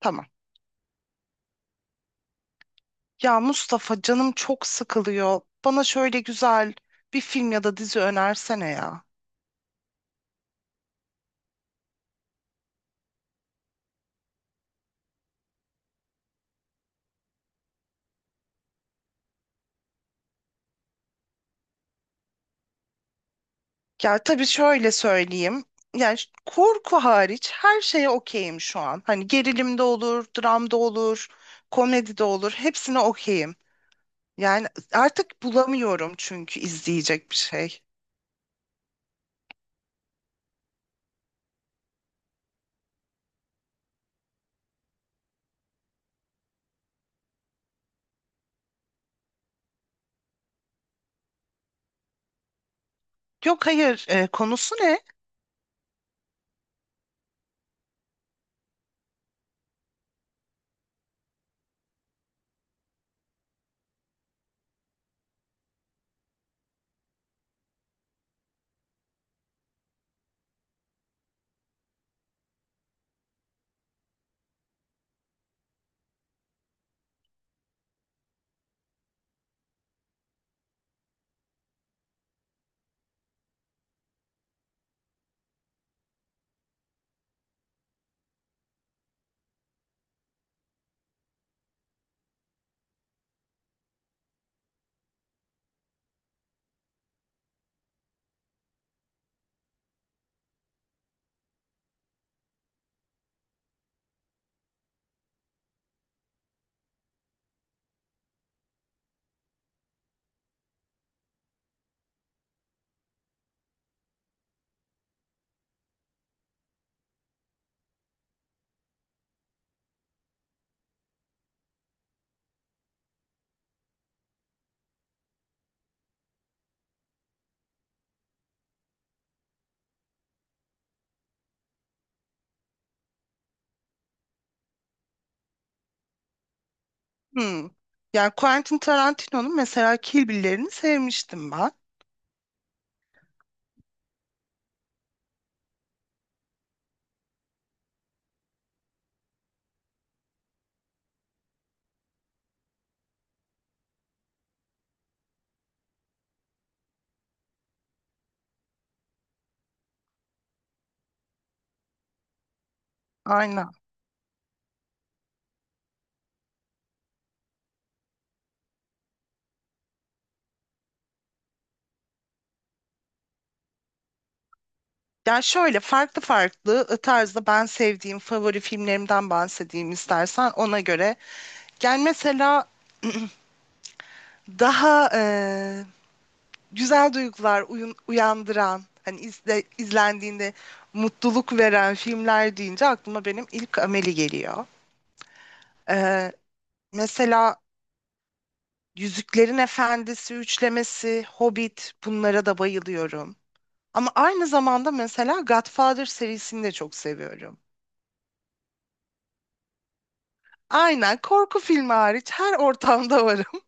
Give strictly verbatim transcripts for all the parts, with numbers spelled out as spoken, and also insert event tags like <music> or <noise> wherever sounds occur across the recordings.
Tamam. Ya Mustafa canım çok sıkılıyor. Bana şöyle güzel bir film ya da dizi önersene ya. Ya tabii şöyle söyleyeyim. Yani ş- korku hariç her şeye okeyim şu an. Hani gerilim de olur, dram da olur, komedi de olur. Hepsine okeyim. Yani artık bulamıyorum çünkü izleyecek bir şey. Yok hayır, e, konusu ne? Hmm. Yani Quentin Tarantino'nun mesela Kill Bill'lerini sevmiştim ben. Aynen. Ya şöyle farklı farklı ıı, tarzda ben sevdiğim favori filmlerimden bahsedeyim istersen ona göre. Gel mesela daha e, güzel duygular uyun- uyandıran hani izle, izlendiğinde mutluluk veren filmler deyince aklıma benim ilk Amelie geliyor. E, mesela Yüzüklerin Efendisi üçlemesi, Hobbit bunlara da bayılıyorum. Ama aynı zamanda mesela Godfather serisini de çok seviyorum. Aynen korku filmi hariç her ortamda varım.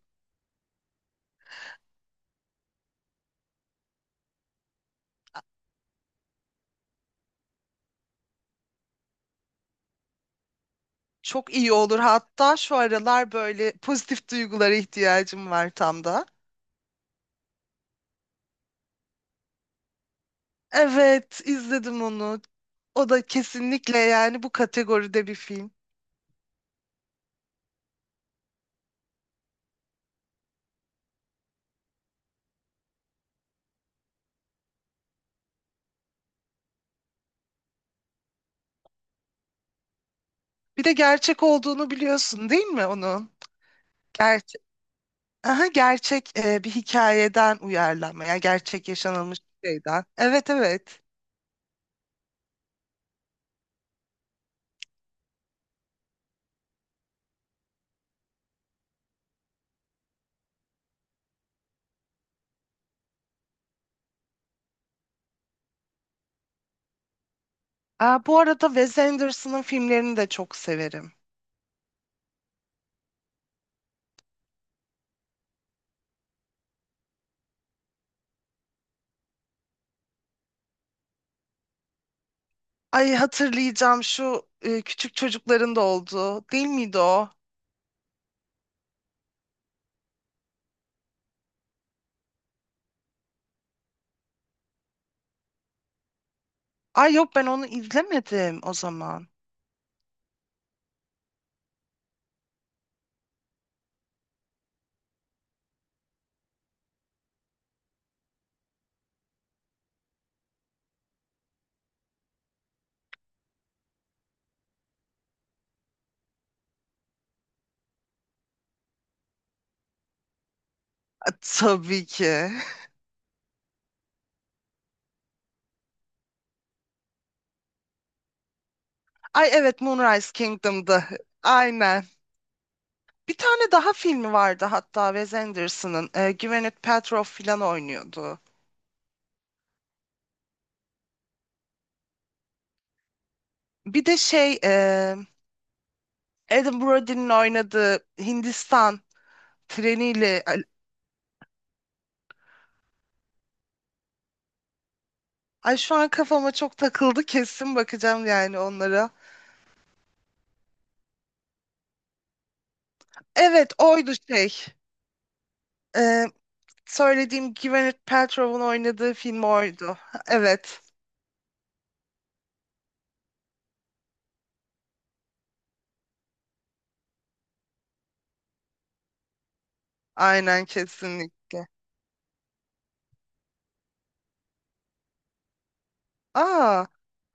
<laughs> Çok iyi olur. Hatta şu aralar böyle pozitif duygulara ihtiyacım var tam da. Evet, izledim onu. O da kesinlikle yani bu kategoride bir film. Bir de gerçek olduğunu biliyorsun değil mi onun? Gerçek. Aha, gerçek e, bir hikayeden uyarlanma. Yani gerçek yaşanılmış bir şeyden. Evet, evet. Aa, bu arada Wes Anderson'ın filmlerini de çok severim. Ay hatırlayacağım şu e, küçük çocukların da olduğu değil miydi o? Ay yok ben onu izlemedim o zaman. A, tabii ki. <laughs> Ay evet Moonrise Kingdom'da. Aynen. Bir tane daha filmi vardı hatta Wes Anderson'ın. E, Gwyneth Paltrow falan oynuyordu. Bir de şey e, Adam Brody'nin oynadığı Hindistan treniyle. Ay ay, şu an kafama çok takıldı kesin bakacağım yani onlara. Evet oydu şey. E, söylediğim Gwyneth Paltrow'un oynadığı film oydu. Evet, aynen kesinlikle. Aa,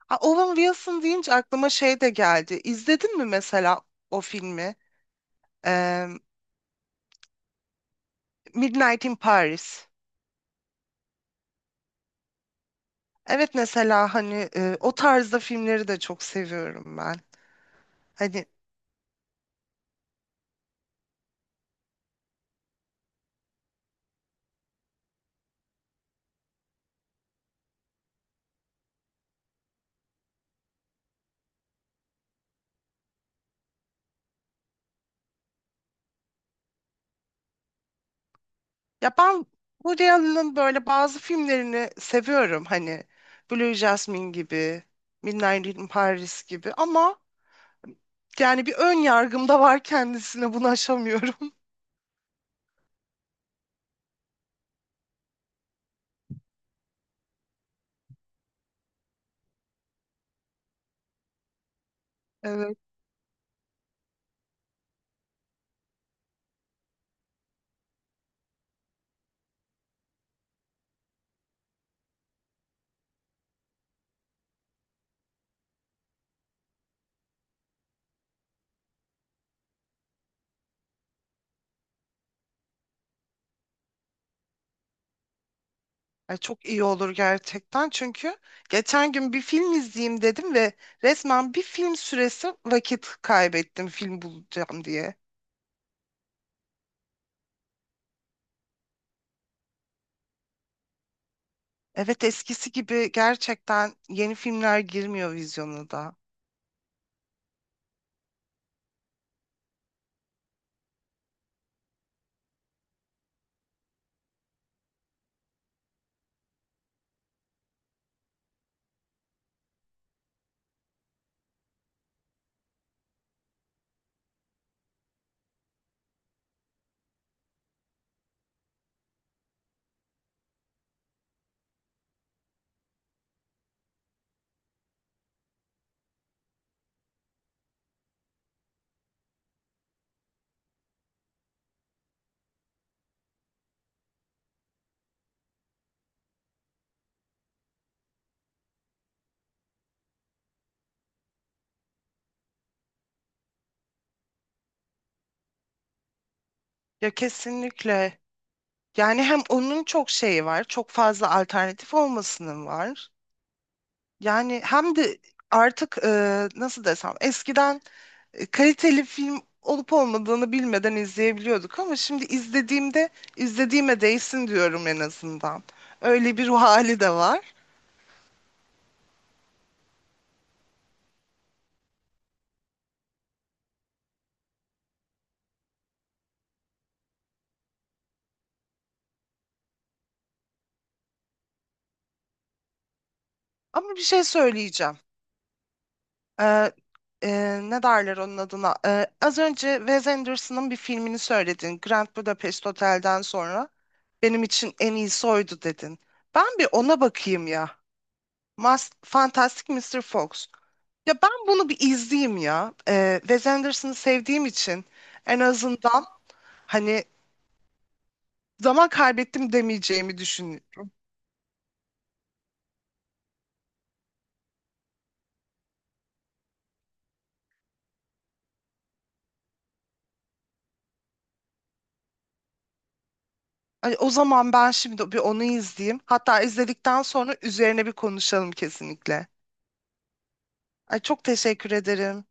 a- Owen Wilson deyince aklıma şey de geldi. İzledin mi mesela o filmi? Ee, Midnight in Paris. Evet mesela hani e, o tarzda filmleri de çok seviyorum ben. Hani ya ben Woody Allen'ın böyle bazı filmlerini seviyorum. Hani Blue Jasmine gibi, Midnight in Paris gibi ama yani bir ön yargım da var kendisine bunu aşamıyorum. <laughs> Evet. Ay, çok iyi olur gerçekten çünkü geçen gün bir film izleyeyim dedim ve resmen bir film süresi vakit kaybettim film bulacağım diye. Evet eskisi gibi gerçekten yeni filmler girmiyor vizyona da. Ya kesinlikle. Yani hem onun çok şeyi var, çok fazla alternatif olmasının var. Yani hem de artık e, nasıl desem eskiden e, kaliteli film olup olmadığını bilmeden izleyebiliyorduk ama şimdi izlediğimde izlediğime değsin diyorum en azından. Öyle bir ruh hali de var. Ama bir şey söyleyeceğim. E, e, ne derler onun adına? E, az önce Wes Anderson'ın bir filmini söyledin. Grand Budapest Otel'den sonra. Benim için en iyisi oydu dedin. Ben bir ona bakayım ya. Mas Fantastic mister Fox. Ya ben bunu bir izleyeyim ya. Ee, Wes Anderson'ı sevdiğim için en azından hani zaman kaybettim demeyeceğimi düşünüyorum. Hani o zaman ben şimdi bir onu izleyeyim. Hatta izledikten sonra üzerine bir konuşalım kesinlikle. Ay çok teşekkür ederim.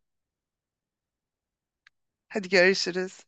Hadi görüşürüz.